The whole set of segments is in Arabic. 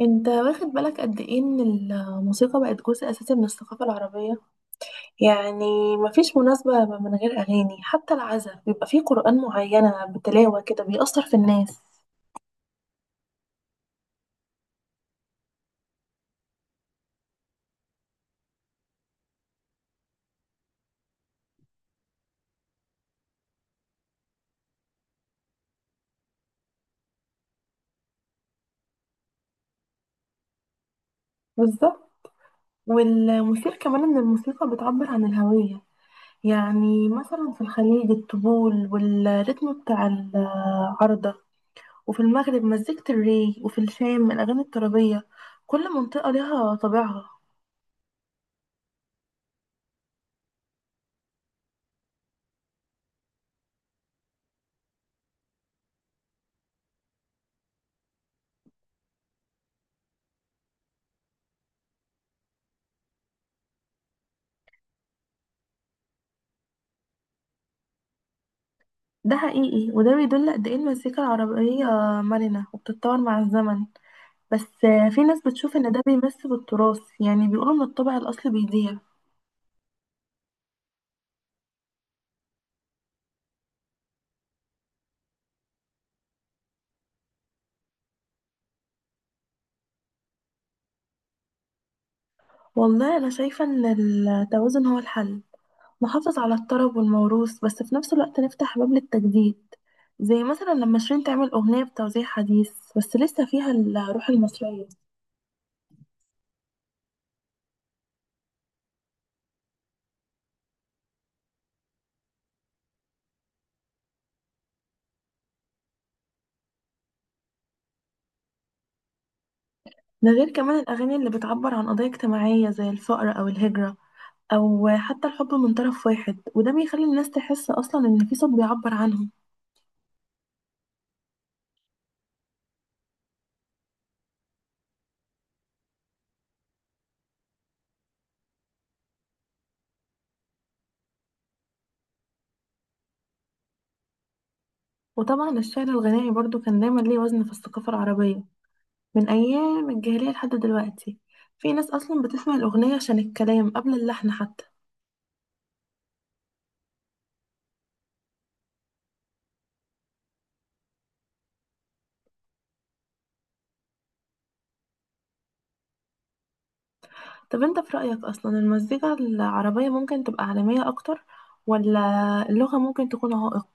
انت واخد بالك قد ايه ان الموسيقى بقت جزء اساسي من الثقافة العربية؟ يعني مفيش مناسبة من غير اغاني، حتى العزاء بيبقى فيه قرآن معينة بتلاوة كده بيأثر في الناس. بالظبط، والمثير كمان ان الموسيقى بتعبر عن الهوية. يعني مثلا في الخليج الطبول والريتم بتاع العارضة، وفي المغرب مزيكة الري، وفي الشام الأغاني الترابية، كل منطقة ليها طابعها. ده حقيقي، وده بيدل قد ايه المزيكا العربية مرنة وبتتطور مع الزمن، بس في ناس بتشوف ان ده بيمس بالتراث، يعني بيقولوا ان الطبع الاصلي بيضيع. والله انا شايفة ان التوازن هو الحل، نحافظ على الطرب والموروث بس في نفس الوقت نفتح باب للتجديد، زي مثلا لما شيرين تعمل اغنية بتوزيع حديث بس لسه فيها الروح المصرية. ده غير كمان الاغاني اللي بتعبر عن قضايا اجتماعية زي الفقر او الهجرة، او حتى الحب من طرف واحد، وده بيخلي الناس تحس اصلا ان في صوت بيعبر عنهم. وطبعا الشعر الغنائي برضو كان دايما ليه وزن في الثقافة العربية، من ايام الجاهلية لحد دلوقتي، في ناس اصلا بتسمع الاغنية عشان الكلام قبل اللحن حتى. طب انت في رأيك اصلا المزيكا العربية ممكن تبقى عالمية اكتر، ولا اللغة ممكن تكون عائق؟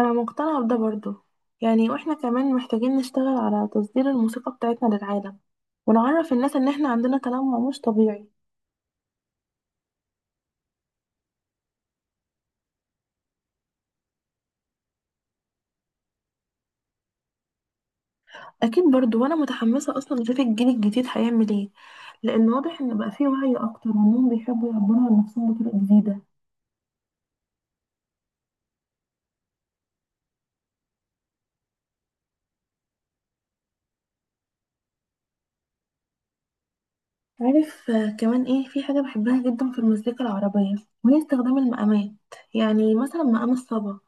انا مقتنعة بده برضو، يعني واحنا كمان محتاجين نشتغل على تصدير الموسيقى بتاعتنا للعالم، ونعرف الناس ان احنا عندنا تنوع مش طبيعي. اكيد برضو، وانا متحمسه اصلا اشوف الجيل الجديد هيعمل ايه، لان واضح ان بقى فيه وعي اكتر وانهم بيحبوا يعبروا عن نفسهم بطرق جديده. عارف كمان ايه في حاجه بحبها جدا في المزيكا العربيه، وهي استخدام المقامات. يعني مثلا مقام الصبا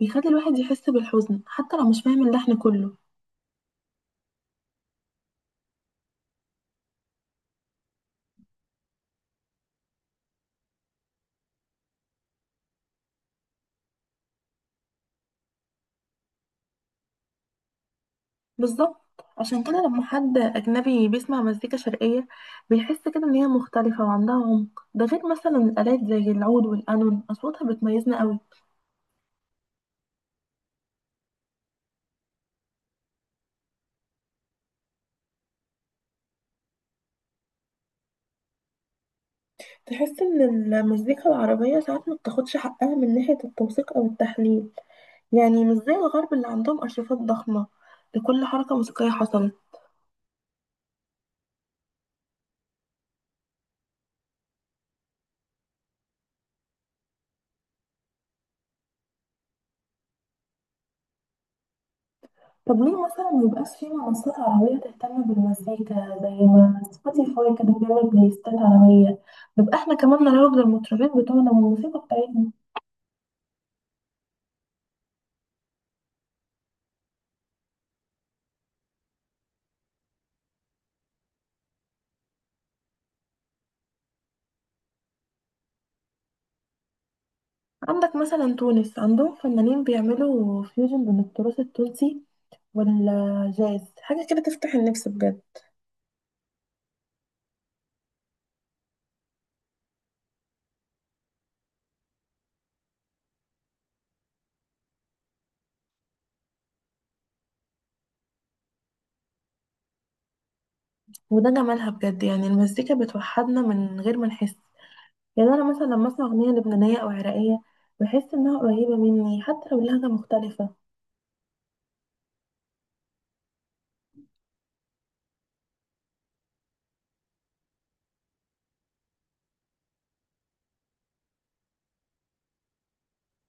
بيخلي الواحد يحس بالحزن حتى لو مش فاهم اللحن كله. بالظبط، عشان كده لما حد اجنبي بيسمع مزيكا شرقيه بيحس كده ان هي مختلفه وعندها عمق، ده غير مثلا الالات زي العود والقانون اصواتها بتميزنا قوي. تحس ان المزيكا العربية ساعات ما بتاخدش حقها من ناحية التوثيق او التحليل، يعني مش زي الغرب اللي عندهم ارشيفات ضخمة لكل حركة موسيقية حصلت. طب ليه مثلا ميبقاش في منصات عربية تهتم بالمزيكا زي ما سبوتيفاي كده بيعمل بلاي ليستات عربية، نبقى احنا كمان نروج للمطربين بتوعنا والموسيقى بتاعتنا. عندك مثلا تونس عندهم فنانين بيعملوا فيوجن بين التراث التونسي والجاز، حاجة كده تفتح النفس بجد. وده جمالها بجد، يعني المزيكا بتوحدنا من غير ما نحس. يعني انا مثلا لما اسمع اغنيه لبنانيه او عراقيه بحس انها قريبه مني حتى لو لهجه مختلفه.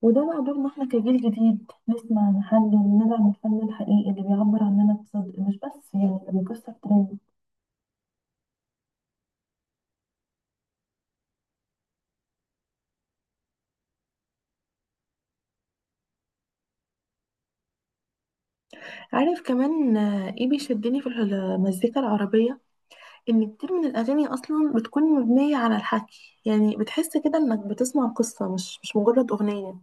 وده بقى دورنا احنا كجيل جديد، نسمع، نحلل، ندعم الفن الحقيقي اللي بيعبر عننا بصدق، مش بس يعني اللي بيكسر ترند. عارف كمان ايه بيشدني في المزيكا العربيه، ان كتير من الاغاني اصلا بتكون مبنيه على الحكي، يعني بتحس كده انك بتسمع قصه مش مجرد اغنيه.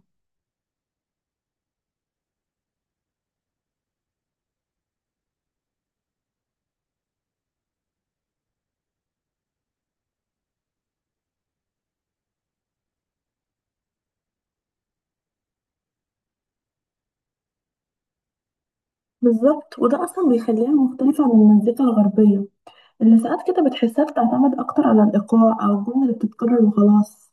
بالظبط، وده أصلا بيخليها مختلفة عن المزيكا الغربية اللي ساعات كده بتحسها بتعتمد أكتر على الإيقاع أو الجملة اللي بتتكرر وخلاص.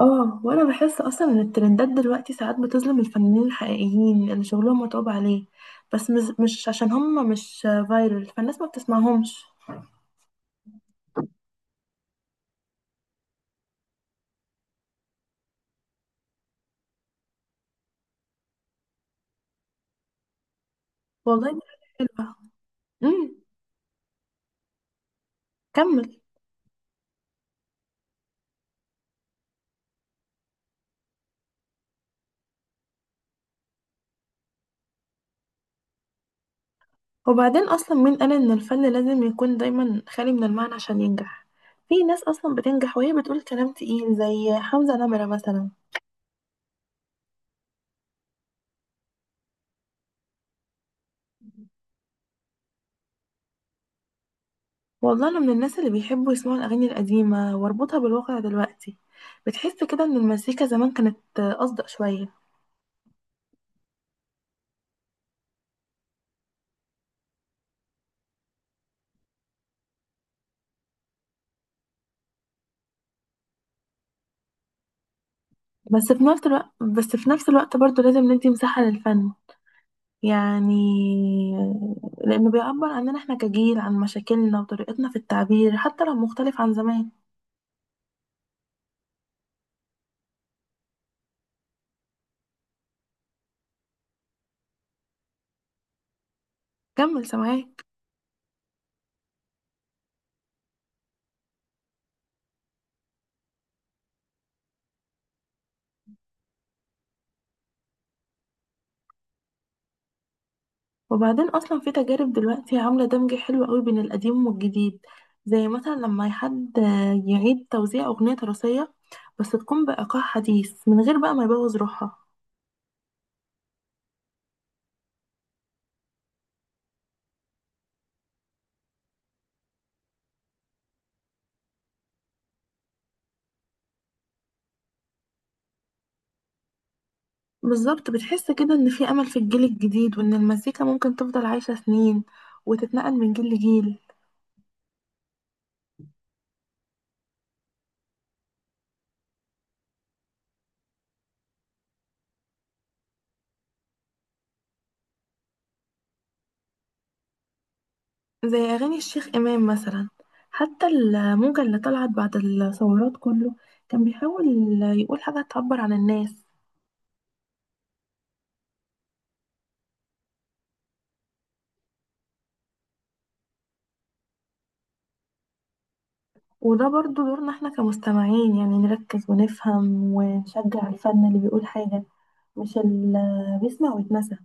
اه، وانا بحس اصلا ان الترندات دلوقتي ساعات بتظلم الفنانين الحقيقيين اللي شغلهم متعوب عليه، بس مش عشان هم مش فايرل فالناس ما بتسمعهمش. والله دي حاجة حلوة. امم كمل. وبعدين اصلا مين قال ان الفن لازم يكون دايما خالي من المعنى عشان ينجح؟ في ناس اصلا بتنجح وهي بتقول كلام تقيل زي حمزة نمرة مثلا. والله انا من الناس اللي بيحبوا يسمعوا الاغاني القديمه واربطها بالواقع دلوقتي، بتحس كده ان المزيكا زمان كانت اصدق شويه. بس في نفس الوقت برضو لازم ندي مساحه للفن، يعني لانه بيعبر عننا احنا كجيل، عن مشاكلنا وطريقتنا في التعبير حتى لو مختلف عن زمان. كمل سامعاك. وبعدين اصلا في تجارب دلوقتي عامله دمج حلو قوي بين القديم والجديد، زي مثلا لما حد يعيد توزيع اغنيه تراثيه بس تكون بايقاع حديث من غير بقى ما يبوظ روحها. بالظبط، بتحس كده ان في امل في الجيل الجديد، وان المزيكا ممكن تفضل عايشه سنين وتتنقل من جيل لجيل. زي اغاني الشيخ امام مثلا، حتى الموجه اللي طلعت بعد الثورات كله كان بيحاول يقول حاجه تعبر عن الناس. وده برضو دورنا احنا كمستمعين، يعني نركز ونفهم ونشجع الفن اللي بيقول حاجة، مش اللي بيسمع ويتنسى.